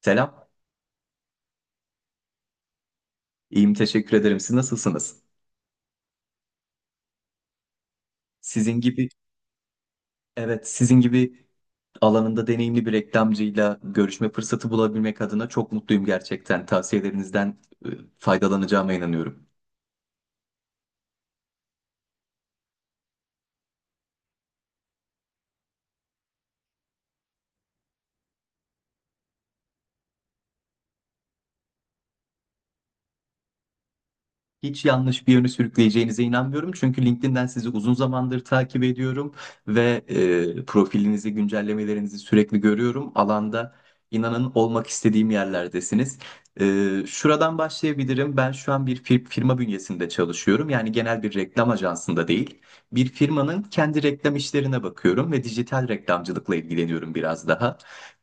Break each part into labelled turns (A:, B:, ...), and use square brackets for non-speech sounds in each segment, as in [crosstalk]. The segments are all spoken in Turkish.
A: Selam. İyiyim, teşekkür ederim. Siz nasılsınız? Sizin gibi, evet, sizin gibi alanında deneyimli bir reklamcıyla görüşme fırsatı bulabilmek adına çok mutluyum gerçekten. Tavsiyelerinizden e, faydalanacağıma inanıyorum. Hiç yanlış bir yöne sürükleyeceğinize inanmıyorum. Çünkü LinkedIn'den sizi uzun zamandır takip ediyorum ve profilinizi, güncellemelerinizi sürekli görüyorum. Alanda inanın olmak istediğim yerlerdesiniz. Şuradan başlayabilirim. Ben şu an bir firma bünyesinde çalışıyorum. Yani genel bir reklam ajansında değil. Bir firmanın kendi reklam işlerine bakıyorum ve dijital reklamcılıkla ilgileniyorum biraz daha.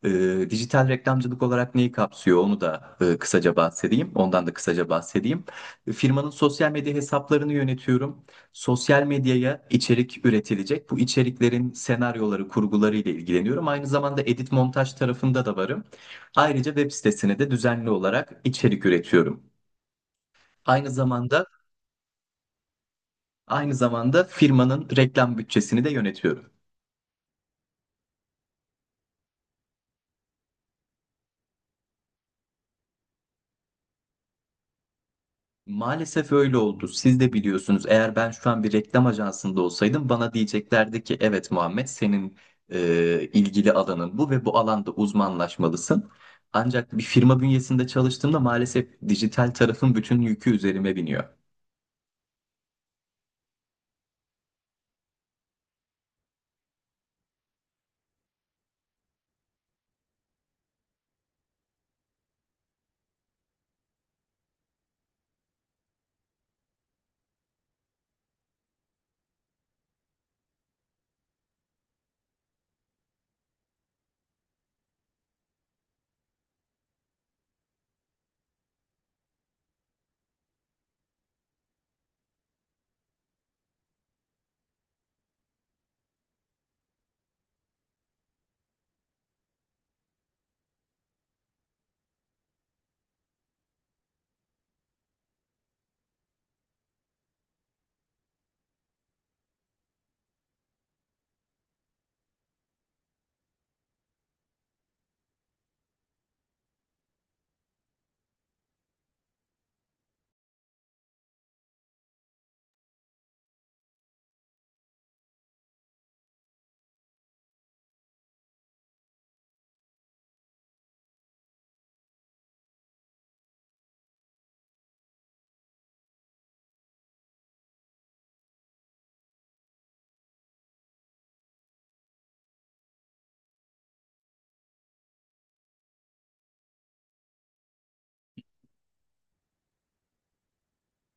A: Dijital reklamcılık olarak neyi kapsıyor onu da kısaca bahsedeyim. Ondan da kısaca bahsedeyim. Firmanın sosyal medya hesaplarını yönetiyorum. Sosyal medyaya içerik üretilecek. Bu içeriklerin senaryoları, kurguları ile ilgileniyorum. Aynı zamanda edit montaj tarafında da varım. Ayrıca web sitesine de düzenli olarak içerik üretiyorum. Aynı zamanda aynı zamanda firmanın reklam bütçesini de yönetiyorum. Maalesef öyle oldu. Siz de biliyorsunuz. Eğer ben şu an bir reklam ajansında olsaydım bana diyeceklerdi ki evet Muhammed senin ilgili alanın bu ve bu alanda uzmanlaşmalısın. Ancak bir firma bünyesinde çalıştığımda maalesef dijital tarafın bütün yükü üzerime biniyor.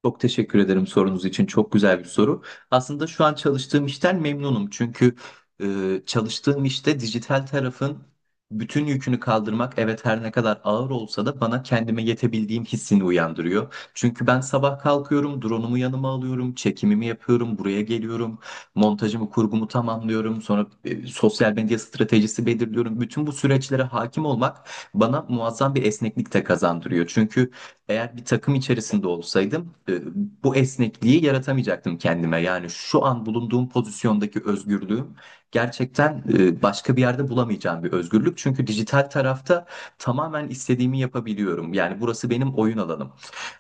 A: Çok teşekkür ederim sorunuz için. Çok güzel bir soru. Aslında şu an çalıştığım işten memnunum. Çünkü çalıştığım işte dijital tarafın bütün yükünü kaldırmak evet her ne kadar ağır olsa da bana kendime yetebildiğim hissini uyandırıyor. Çünkü ben sabah kalkıyorum, drone'umu yanıma alıyorum, çekimimi yapıyorum, buraya geliyorum, montajımı, kurgumu tamamlıyorum, sonra sosyal medya stratejisi belirliyorum. Bütün bu süreçlere hakim olmak bana muazzam bir esneklik de kazandırıyor. Çünkü eğer bir takım içerisinde olsaydım bu esnekliği yaratamayacaktım kendime. Yani şu an bulunduğum pozisyondaki özgürlüğüm gerçekten başka bir yerde bulamayacağım bir özgürlük. Çünkü dijital tarafta tamamen istediğimi yapabiliyorum. Yani burası benim oyun alanım.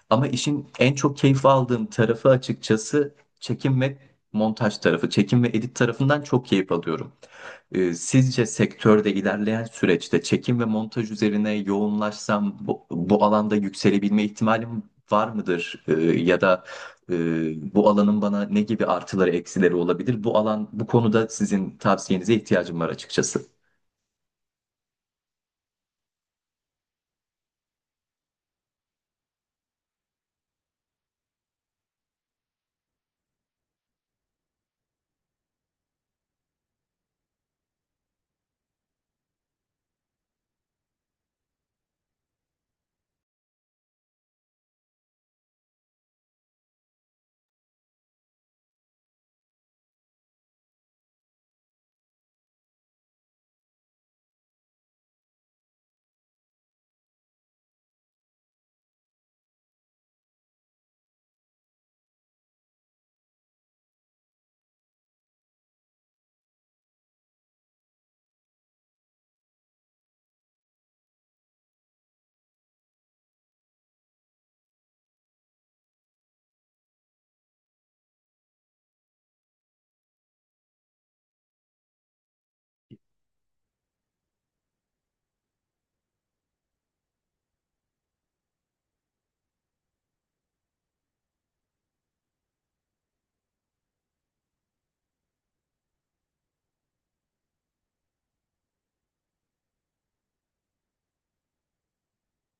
A: Ama işin en çok keyif aldığım tarafı açıkçası çekim ve montaj tarafı, çekim ve edit tarafından çok keyif alıyorum. Sizce sektörde ilerleyen süreçte çekim ve montaj üzerine yoğunlaşsam bu alanda yükselebilme ihtimalim var mıdır? Ya da e, bu alanın bana ne gibi artıları eksileri olabilir? Bu alan bu konuda sizin tavsiyenize ihtiyacım var açıkçası.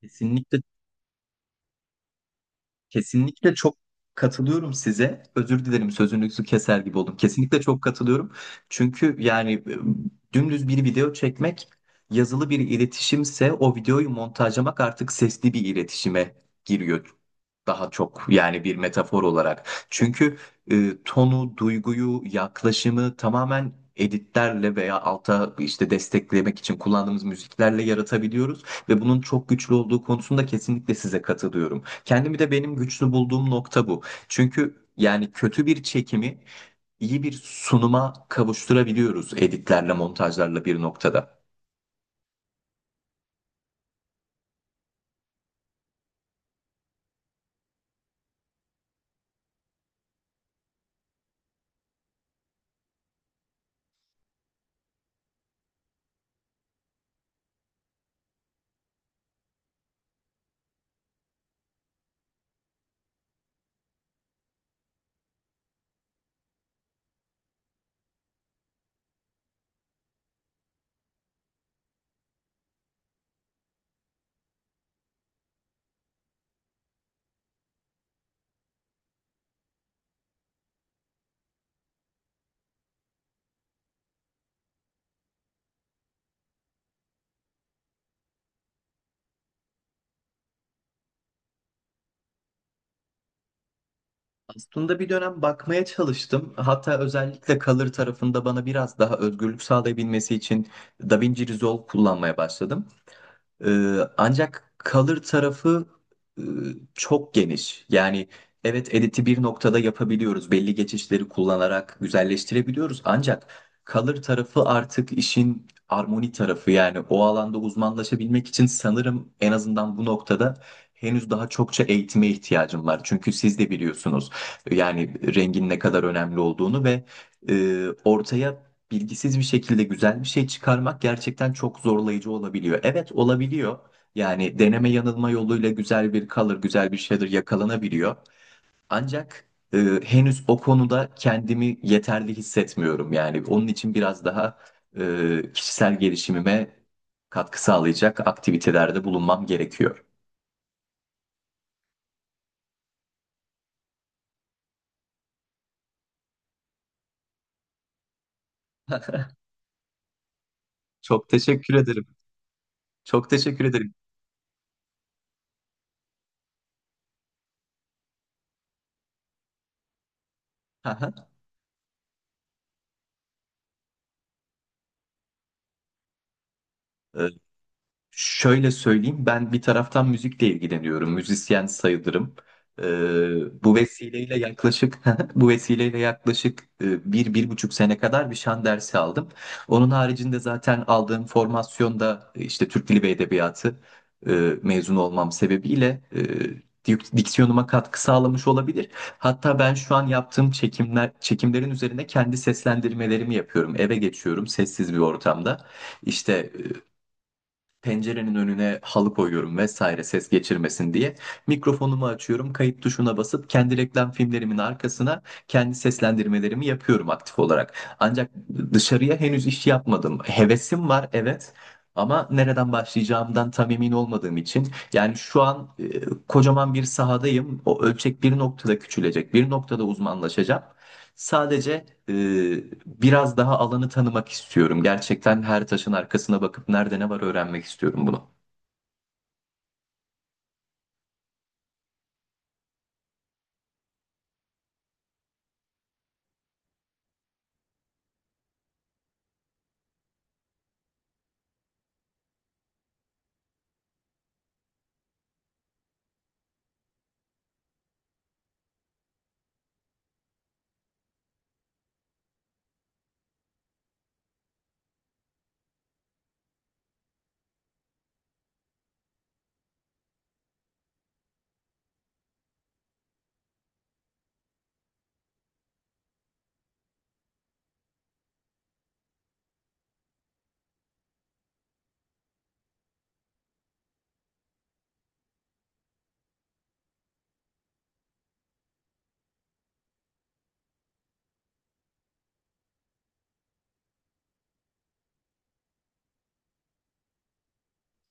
A: Kesinlikle Kesinlikle çok katılıyorum size. Özür dilerim sözünüzü keser gibi oldum. Kesinlikle çok katılıyorum. Çünkü yani dümdüz bir video çekmek yazılı bir iletişimse o videoyu montajlamak artık sesli bir iletişime giriyor. Daha çok yani bir metafor olarak. Çünkü tonu, duyguyu, yaklaşımı tamamen editlerle veya alta işte desteklemek için kullandığımız müziklerle yaratabiliyoruz ve bunun çok güçlü olduğu konusunda kesinlikle size katılıyorum. Kendimi de benim güçlü bulduğum nokta bu. Çünkü yani kötü bir çekimi iyi bir sunuma kavuşturabiliyoruz editlerle, montajlarla bir noktada. Aslında bir dönem bakmaya çalıştım. Hatta özellikle Color tarafında bana biraz daha özgürlük sağlayabilmesi için DaVinci Resolve kullanmaya başladım. Ancak kalır tarafı e, çok geniş. Yani evet editi bir noktada yapabiliyoruz. Belli geçişleri kullanarak güzelleştirebiliyoruz. Ancak kalır tarafı artık işin armoni tarafı. Yani o alanda uzmanlaşabilmek için sanırım en azından bu noktada henüz daha çokça eğitime ihtiyacım var. Çünkü siz de biliyorsunuz yani rengin ne kadar önemli olduğunu ve ortaya bilgisiz bir şekilde güzel bir şey çıkarmak gerçekten çok zorlayıcı olabiliyor. Evet olabiliyor. Yani deneme yanılma yoluyla güzel bir kalır, güzel bir şeyler yakalanabiliyor. Ancak e, henüz o konuda kendimi yeterli hissetmiyorum. Yani onun için biraz daha kişisel gelişimime katkı sağlayacak aktivitelerde bulunmam gerekiyor. [laughs] Çok teşekkür ederim. Çok teşekkür ederim. [laughs] Şöyle söyleyeyim, ben bir taraftan müzikle ilgileniyorum. Müzisyen sayılırım. Ee, Bu vesileyle yaklaşık [laughs] bu vesileyle yaklaşık bir buçuk sene kadar bir şan dersi aldım. Onun haricinde zaten aldığım formasyonda işte Türk Dili ve Edebiyatı e, mezun olmam sebebiyle diksiyonuma katkı sağlamış olabilir. Hatta ben şu an yaptığım çekimlerin üzerine kendi seslendirmelerimi yapıyorum. Eve geçiyorum sessiz bir ortamda. İşte e, pencerenin önüne halı koyuyorum vesaire ses geçirmesin diye. Mikrofonumu açıyorum, kayıt tuşuna basıp kendi reklam filmlerimin arkasına kendi seslendirmelerimi yapıyorum aktif olarak. Ancak dışarıya henüz iş yapmadım. Hevesim var evet. Ama nereden başlayacağımdan tam emin olmadığım için yani şu an kocaman bir sahadayım. O ölçek bir noktada küçülecek, bir noktada uzmanlaşacağım. Sadece biraz daha alanı tanımak istiyorum. Gerçekten her taşın arkasına bakıp nerede ne var öğrenmek istiyorum bunu.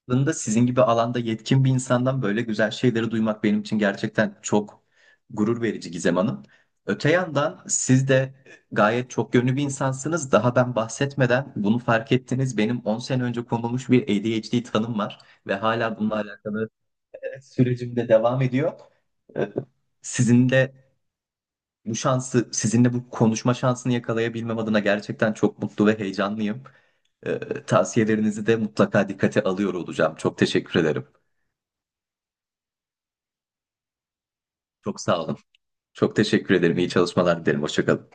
A: Aslında sizin gibi alanda yetkin bir insandan böyle güzel şeyleri duymak benim için gerçekten çok gurur verici Gizem Hanım. Öte yandan siz de gayet çok yönlü bir insansınız. Daha ben bahsetmeden bunu fark ettiniz. Benim 10 sene önce konulmuş bir ADHD tanım var ve hala bununla alakalı sürecimde devam ediyor. E, Sizin de bu şansı sizinle bu konuşma şansını yakalayabilmem adına gerçekten çok mutlu ve heyecanlıyım. Ee, Tavsiyelerinizi de mutlaka dikkate alıyor olacağım. Çok teşekkür ederim. Çok sağ olun. Çok teşekkür ederim. İyi çalışmalar dilerim. Hoşça kalın.